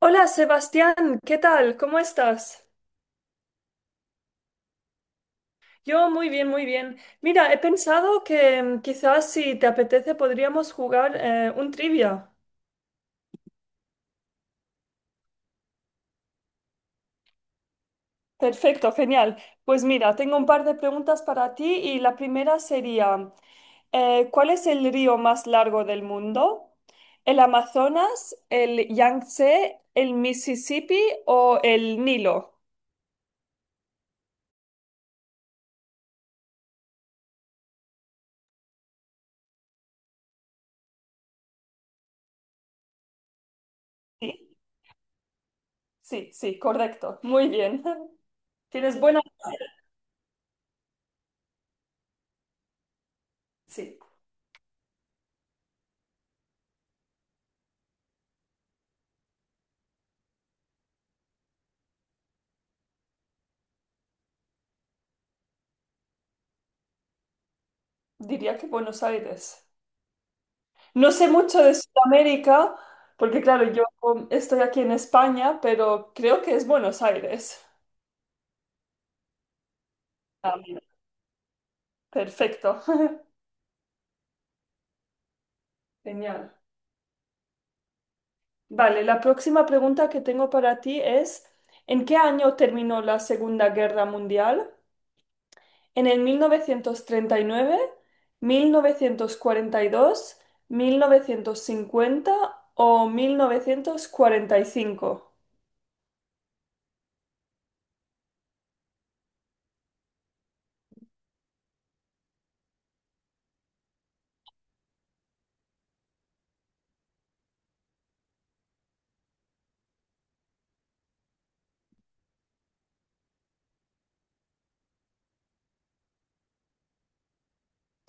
Hola Sebastián, ¿qué tal? ¿Cómo estás? Yo muy bien, muy bien. Mira, he pensado que quizás si te apetece podríamos jugar un trivia. Perfecto, genial. Pues mira, tengo un par de preguntas para ti y la primera sería, ¿cuál es el río más largo del mundo? ¿El Amazonas, el Yangtze, el Mississippi o el Nilo? Sí, sí, sí, correcto. Muy bien. Tienes buena... Sí, diría que Buenos Aires. No sé mucho de Sudamérica, porque claro, yo estoy aquí en España, pero creo que es Buenos Aires. Ah, mira, perfecto. Genial. Vale, la próxima pregunta que tengo para ti es, ¿en qué año terminó la Segunda Guerra Mundial? ¿En el 1939, 1942, 1950 o 1945?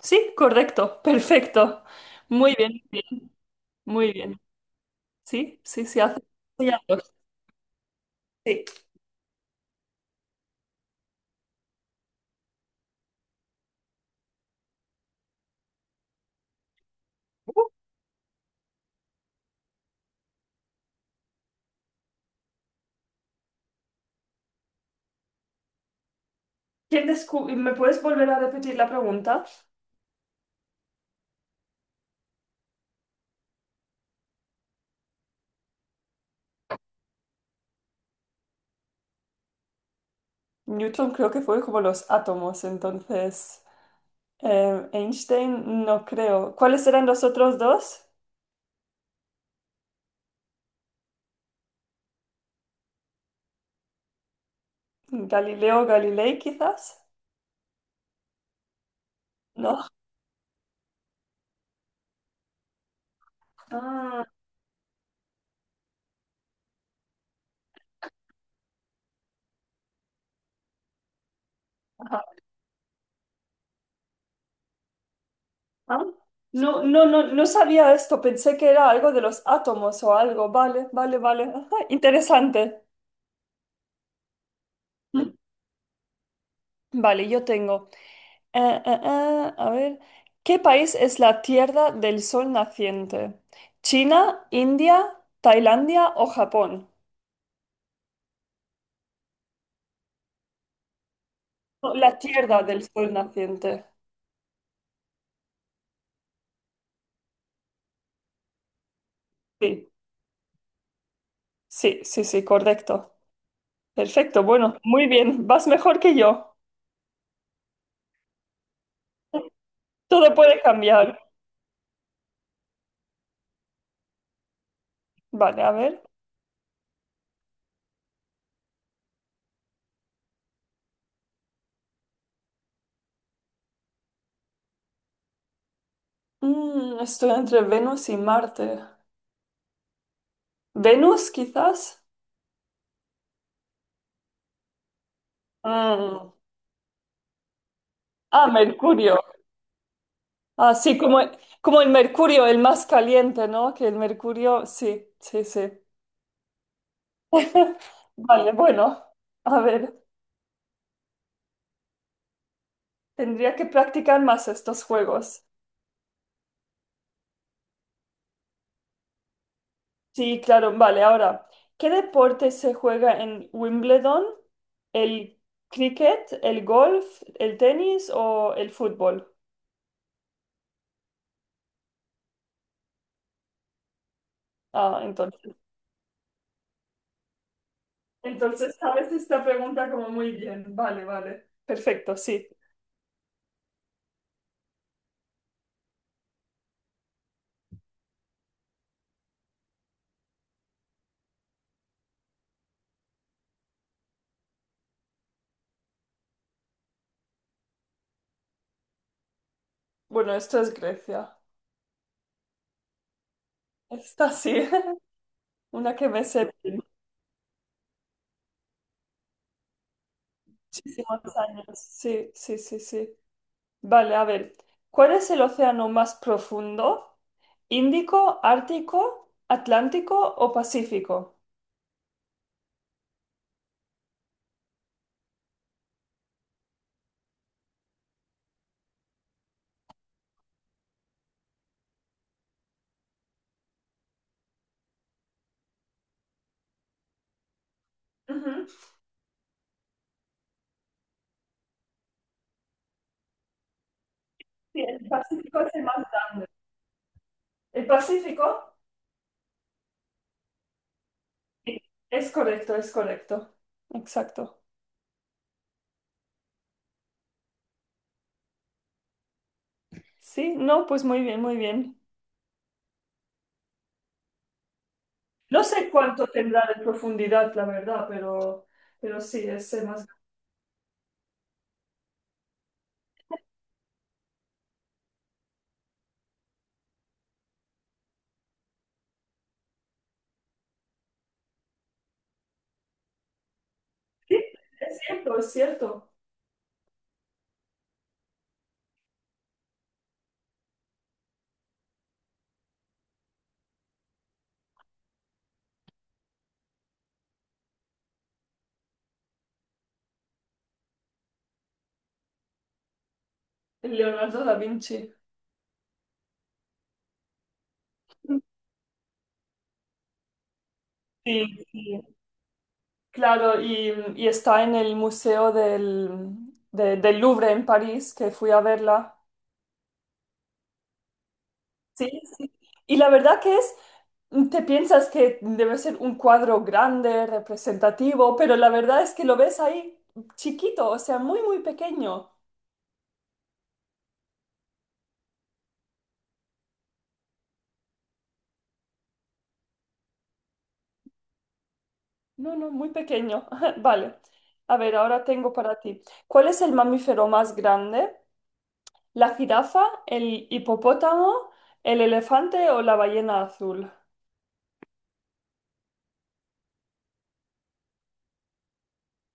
Sí, correcto, perfecto. Muy bien, muy bien. Muy bien. Sí, sí, sí, hace ya 2. Sí. ¿Quién descu- ¿Me puedes volver a repetir la pregunta? Newton creo que fue como los átomos, entonces Einstein no creo. ¿Cuáles eran los otros dos? Galileo Galilei quizás, ¿no? Ah, ajá. Ah. No, no, no, no sabía esto, pensé que era algo de los átomos o algo. Vale, vale, vale. Ajá, interesante. Mm. Vale, yo tengo. A ver, ¿qué país es la Tierra del Sol naciente? ¿China, India, Tailandia o Japón? No, la Tierra del Sol naciente. Sí, sí, sí, sí, correcto. Perfecto, bueno, muy bien, vas mejor que yo. Todo puede cambiar. Vale, a ver. Estoy entre Venus y Marte. ¿Venus, quizás? Mm. Ah, Mercurio. Ah, sí, como, como el Mercurio, el más caliente, ¿no? Que el Mercurio, sí, sí, sí. Vale, bueno, a ver, tendría que practicar más estos juegos. Sí, claro, vale, ahora, ¿qué deporte se juega en Wimbledon? ¿El cricket, el golf, el tenis o el fútbol? Ah, entonces. Entonces, sabes esta pregunta como muy bien. Vale, vale. Perfecto, sí. Bueno, esto es Grecia. Esta sí, una que me sé de muchísimos años. Sí, sí, sí, sí. Vale, a ver. ¿Cuál es el océano más profundo? ¿Índico, Ártico, Atlántico o Pacífico? Ujú. Sí, el Pacífico es el más grande. ¿El Pacífico? Sí. Es correcto, es correcto. Exacto. Sí, no, pues muy bien, muy bien. No sé cuánto tendrá de profundidad, la verdad, pero sí, es el más grande. Sí, es cierto, es cierto. Leonardo da Vinci. Sí, sí. Claro, y está en el Museo del, de- del Louvre en París, que fui a verla. Sí, sí. Y la verdad que es, te piensas que debe ser un cuadro grande, representativo, pero la verdad es que lo ves ahí chiquito, o sea, muy, muy pequeño. No, no, muy pequeño. Vale. A ver, ahora tengo para ti. ¿Cuál es el mamífero más grande? ¿La jirafa, el hipopótamo, el elefante o la ballena azul?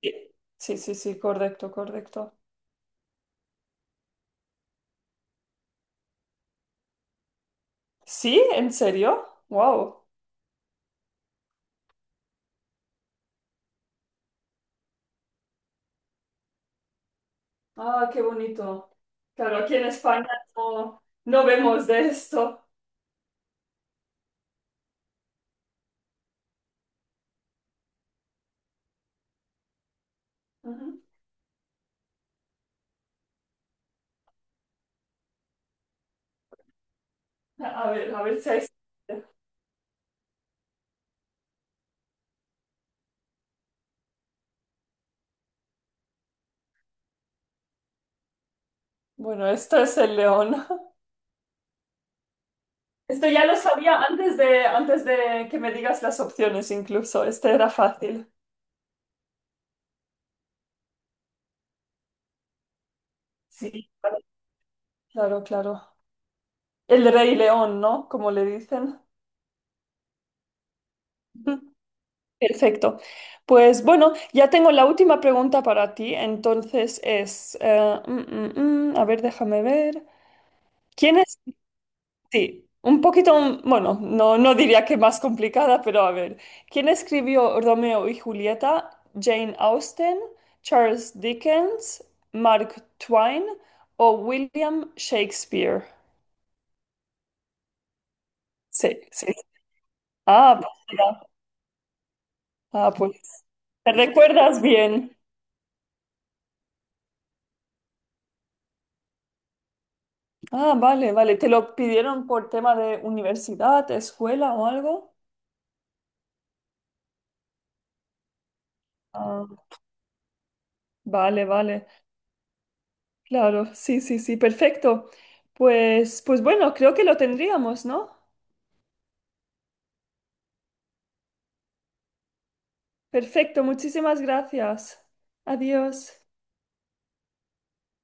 Sí, sí, sí, sí, correcto, correcto. ¿Sí? ¿En serio? ¡Wow! Ah, qué bonito. Claro, aquí en España no, no vemos de esto. Ujú. A ver si hay... Bueno, esto es el león. Esto ya lo sabía antes de que me digas las opciones incluso. Este era fácil. Sí, claro, claro. El rey león, ¿no? Como le dicen. Perfecto. Pues bueno, ya tengo la última pregunta para ti. Entonces es, a ver, déjame ver. ¿Quién es? Sí, un poquito, bueno, no, no diría que más complicada, pero a ver. ¿Quién escribió Romeo y Julieta? ¿Jane Austen, Charles Dickens, Mark Twain o William Shakespeare? Sí, sí. Ah, pues, mira. Ah, pues te recuerdas bien. Ah, vale, vale. ¿Te lo pidieron por tema de universidad, escuela o algo? Ah, vale, vale. Claro, sí, sí, sí, perfecto. Pues, pues bueno, creo que lo tendríamos, ¿no? Perfecto, muchísimas gracias. Adiós.